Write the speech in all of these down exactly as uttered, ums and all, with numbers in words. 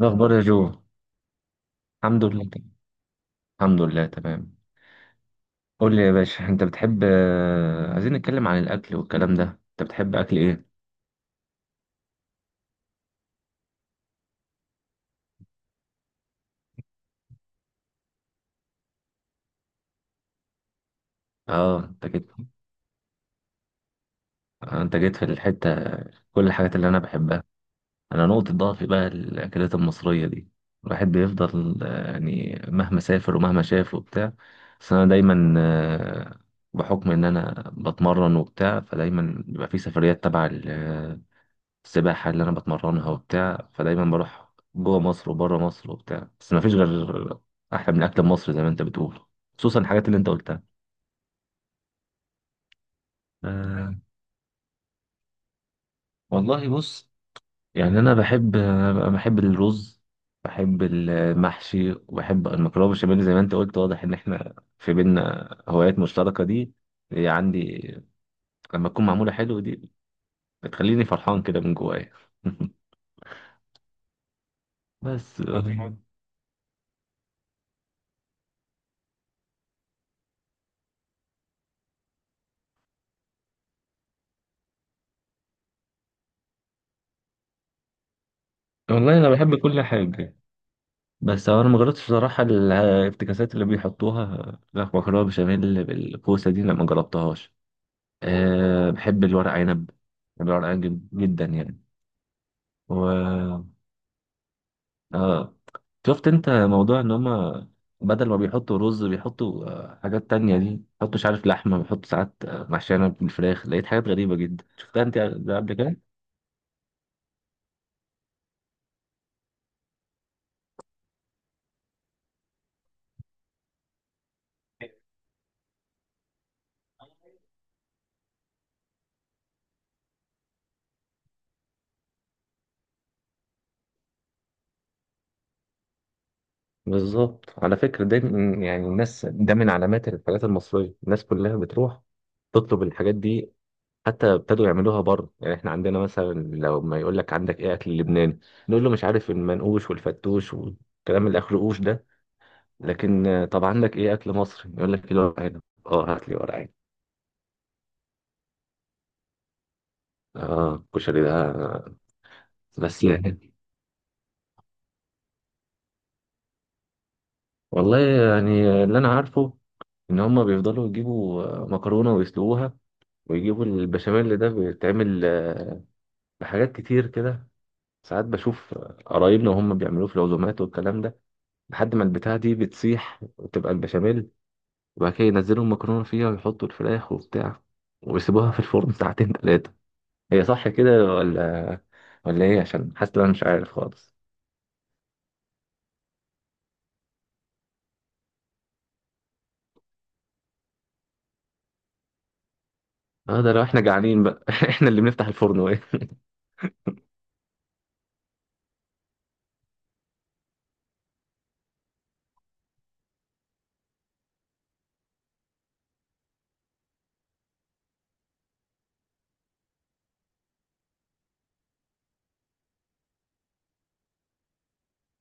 إيه الأخبار يا جو؟ الحمد لله. الحمد لله، تمام. قول لي يا باشا، أنت بتحب آه، عايزين نتكلم عن الأكل والكلام ده. أنت بتحب أكل إيه؟ أه أنت جيت آه، أنت جيت في الحتة. كل الحاجات اللي أنا بحبها. أنا نقطة ضعفي بقى الأكلات المصرية دي. الواحد بيفضل آه، يعني مهما سافر ومهما شاف وبتاع. بس أنا دايما آه، بحكم إن أنا بتمرن وبتاع، فدايما بيبقى في سفريات تبع السباحة اللي أنا بتمرنها وبتاع، فدايما بروح جوه مصر وبره مصر وبتاع. بس مفيش غير أحلى من أكل مصر زي ما أنت بتقول، خصوصا الحاجات اللي أنت قلتها. آه، والله بص. يعني أنا بحب آه، بحب الرز، بحب المحشي، وبحب المكرونة بالبشاميل زي ما أنت قلت. واضح إن إحنا في بينا هوايات مشتركة. دي هي عندي، لما تكون معمولة حلو دي بتخليني فرحان كده من جوايا. بس آه، والله أنا بحب كل حاجة. بس هو انا ما جربتش بصراحه ال- الافتكاسات اللي بيحطوها. لا، مكرونه بشاميل بالكوسه دي لا، ما جربتهاش. أه، بحب الورق عنب. بحب الورق عنب جد- جدا يعني. و، اه، شفت انت موضوع ان هما بدل ما بيحطوا رز بيحطوا آه، حاجات تانية؟ دي بيحطوا مش عارف لحمة، بيحطوا ساعات آه، محشية بالفراخ. لقيت حاجات غريبة جدا. شفتها انت ده قبل كده؟ بالظبط. على فكرة ده من- يعني الناس، ده من علامات الحاجات المصرية، الناس كلها بتروح تطلب الحاجات دي، حتى ابتدوا يعملوها بره. يعني احنا عندنا مثلا لو ما يقول لك عندك ايه اكل لبناني، نقول له مش عارف المنقوش والفتوش والكلام اللي اخره قوش ده. لكن آه، طب عندك ايه اكل مصري، يقول لك كيلو ورق عنب. اه، هات لي ورق عنب. اه الكشري ده آه، بس يعني. والله يعني اللي انا عارفه، ان هم بيفضلوا يجيبوا آه، مكرونه ويسلقوها، ويجيبوا البشاميل اللي ده بيتعمل آه، بحاجات كتير كده. ساعات بشوف آه، قرايبنا وهم بيعملوه في العزومات والكلام ده، لحد ما البتاعة دي بتسيح وتبقى البشاميل، وبعد كده ينزلوا المكرونة فيها ويحطوا الفراخ وبتاع، ويسيبوها في الفرن ساعتين تلاتة. هي صح كده ولا ولا ايه؟ عشان حاسس إن انا مش عارف خالص. اه، ده لو احنا جعانين بقى. احنا اللي بنفتح الفرن وايه.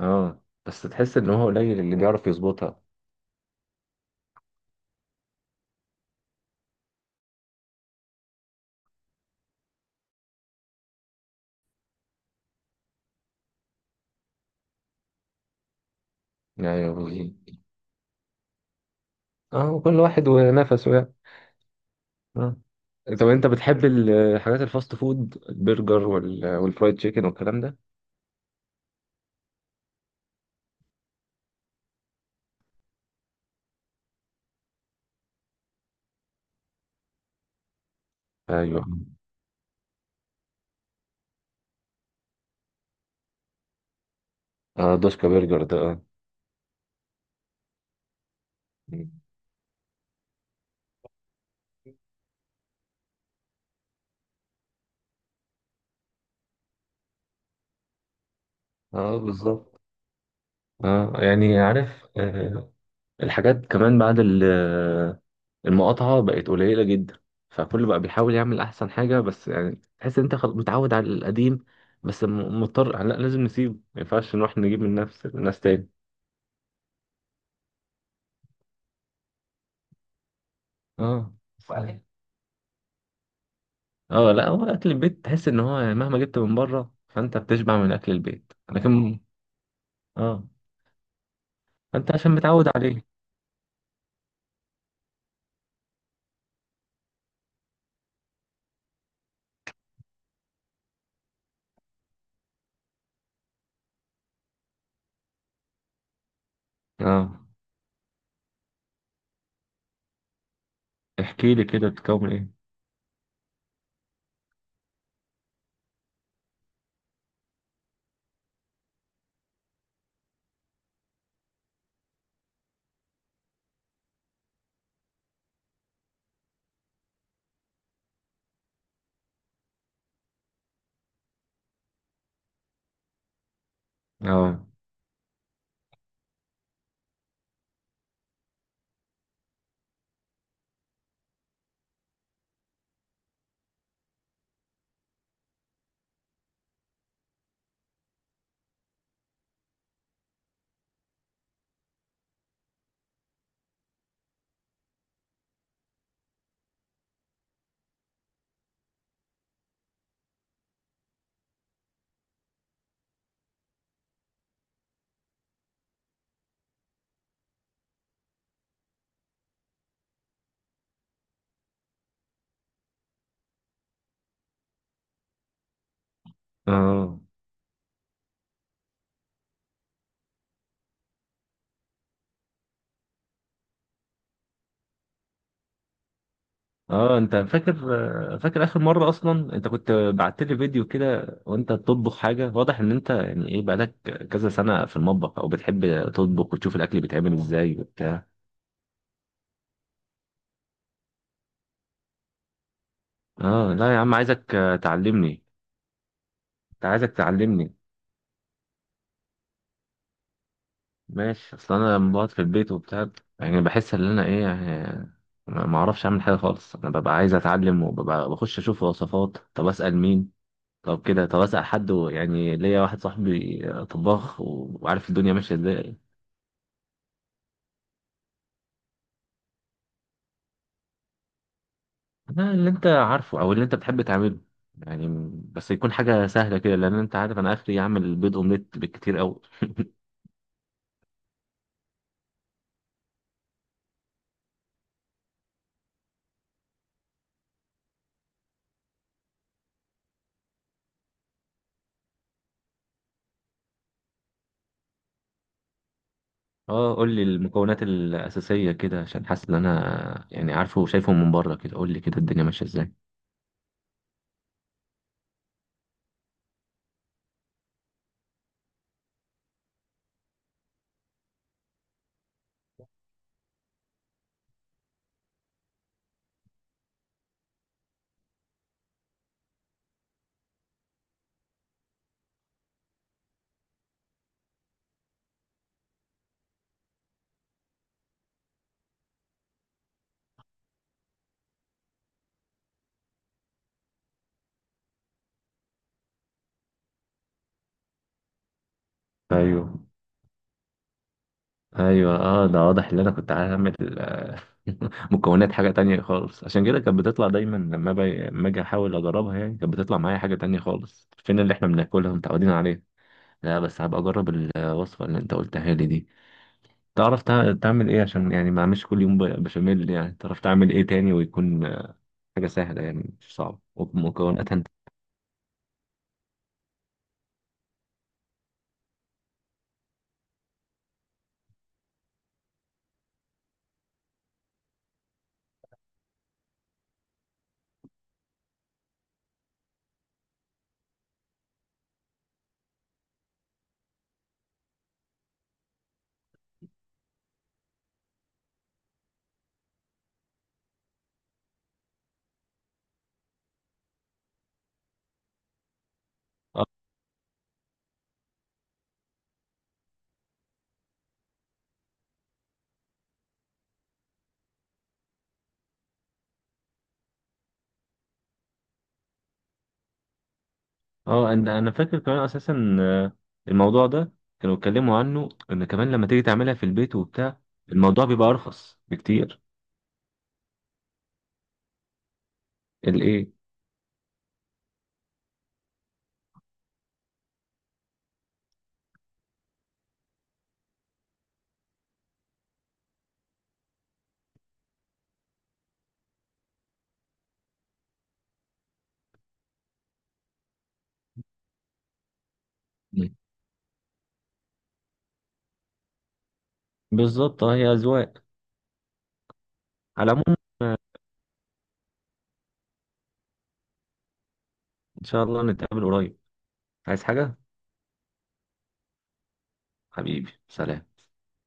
اه، بس تحس ان هو قليل اللي بيعرف يظبطها يعني. اه، كل واحد ونفسه يعني. اه، طب انت بتحب الحاجات الفاست فود، البرجر وال- والفرايد تشيكن والكلام ده؟ ايوه. اه، دوسكا برجر ده، اه. اه بالظبط. اه يعني عارف آه، الحاجات كمان بعد ال- المقاطعة بقت قليلة جدا. فكله بقى بيحاول يعمل أحسن حاجة. بس يعني تحس إن أنت خل- متعود على القديم. بس م- مضطر. لا لازم نسيبه، ما ينفعش نروح نجيب من نفس الناس تاني. اه صحيح. اه لا، هو أكل البيت تحس إن هو يعني مهما جبت من بره، فأنت بتشبع من أكل البيت. لكن اه، أنت عشان متعود عليه. اه، احكي لي كده، بتكون إيه. اه. اه، اه، انت فاكر؟ فاكر اخر مره اصلا انت كنت بعت لي فيديو كده وانت بتطبخ حاجه؟ واضح ان انت يعني ايه، بقالك كذا سنه في المطبخ او بتحب تطبخ وتشوف الاكل بيتعمل ازاي وبتاع. اه لا يا عم، عايزك آه، تعلمني. انت عايزك تعلمني. ماشي، اصل انا لما بقعد في البيت وبتاع، يعني بحس ان انا ايه يعني، ما ما اعرفش اعمل حاجه خالص. انا ببقى عايز اتعلم، وببقى بخش اشوف وصفات. طب اسال مين؟ طب كده طب اسال حد، يعني ليا واحد صاحبي طباخ وعارف الدنيا ماشيه ازاي. أنا اللي انت عارفه او اللي انت بتحب تعمله يعني. بس يكون حاجه سهله كده، لان انت عارف انا اخري اعمل بيض اومليت بالكتير قوي. اه، قول لي المكونات الاساسيه كده، عشان حاسس ان انا يعني عارفه وشايفهم من بره كده. قول لي كده الدنيا ماشيه ازاي. ايوه، ايوه. اه، ده واضح ان انا كنت هعمل مكونات حاجه تانية خالص. عشان كده كانت بتطلع دايما، لما باجي لما اجي احاول اجربها يعني، كانت بتطلع معايا حاجه تانية خالص، فين اللي احنا بناكلها متعودين عليه. لا، بس هبقى اجرب الوصفه اللي انت قلتها لي دي. تعرف تع- تعمل ايه، عشان يعني ما اعملش كل يوم ب- بشاميل يعني؟ تعرف تعمل ايه تاني، ويكون آه، حاجة سهلة يعني مش صعبة، ومكوناتها انت. اه، آه، انا انا فاكر كمان اساسا آه، الموضوع ده كانوا اتكلموا عنه، ان كمان لما تيجي تعملها في البيت وبتاع الموضوع بيبقى ارخص بكتير. الايه؟ مم. بالظبط. اه، هي اذواق. على العموم آه، ان شاء الله نتقابل قريب. عايز حاجة؟ حبيبي، سلام.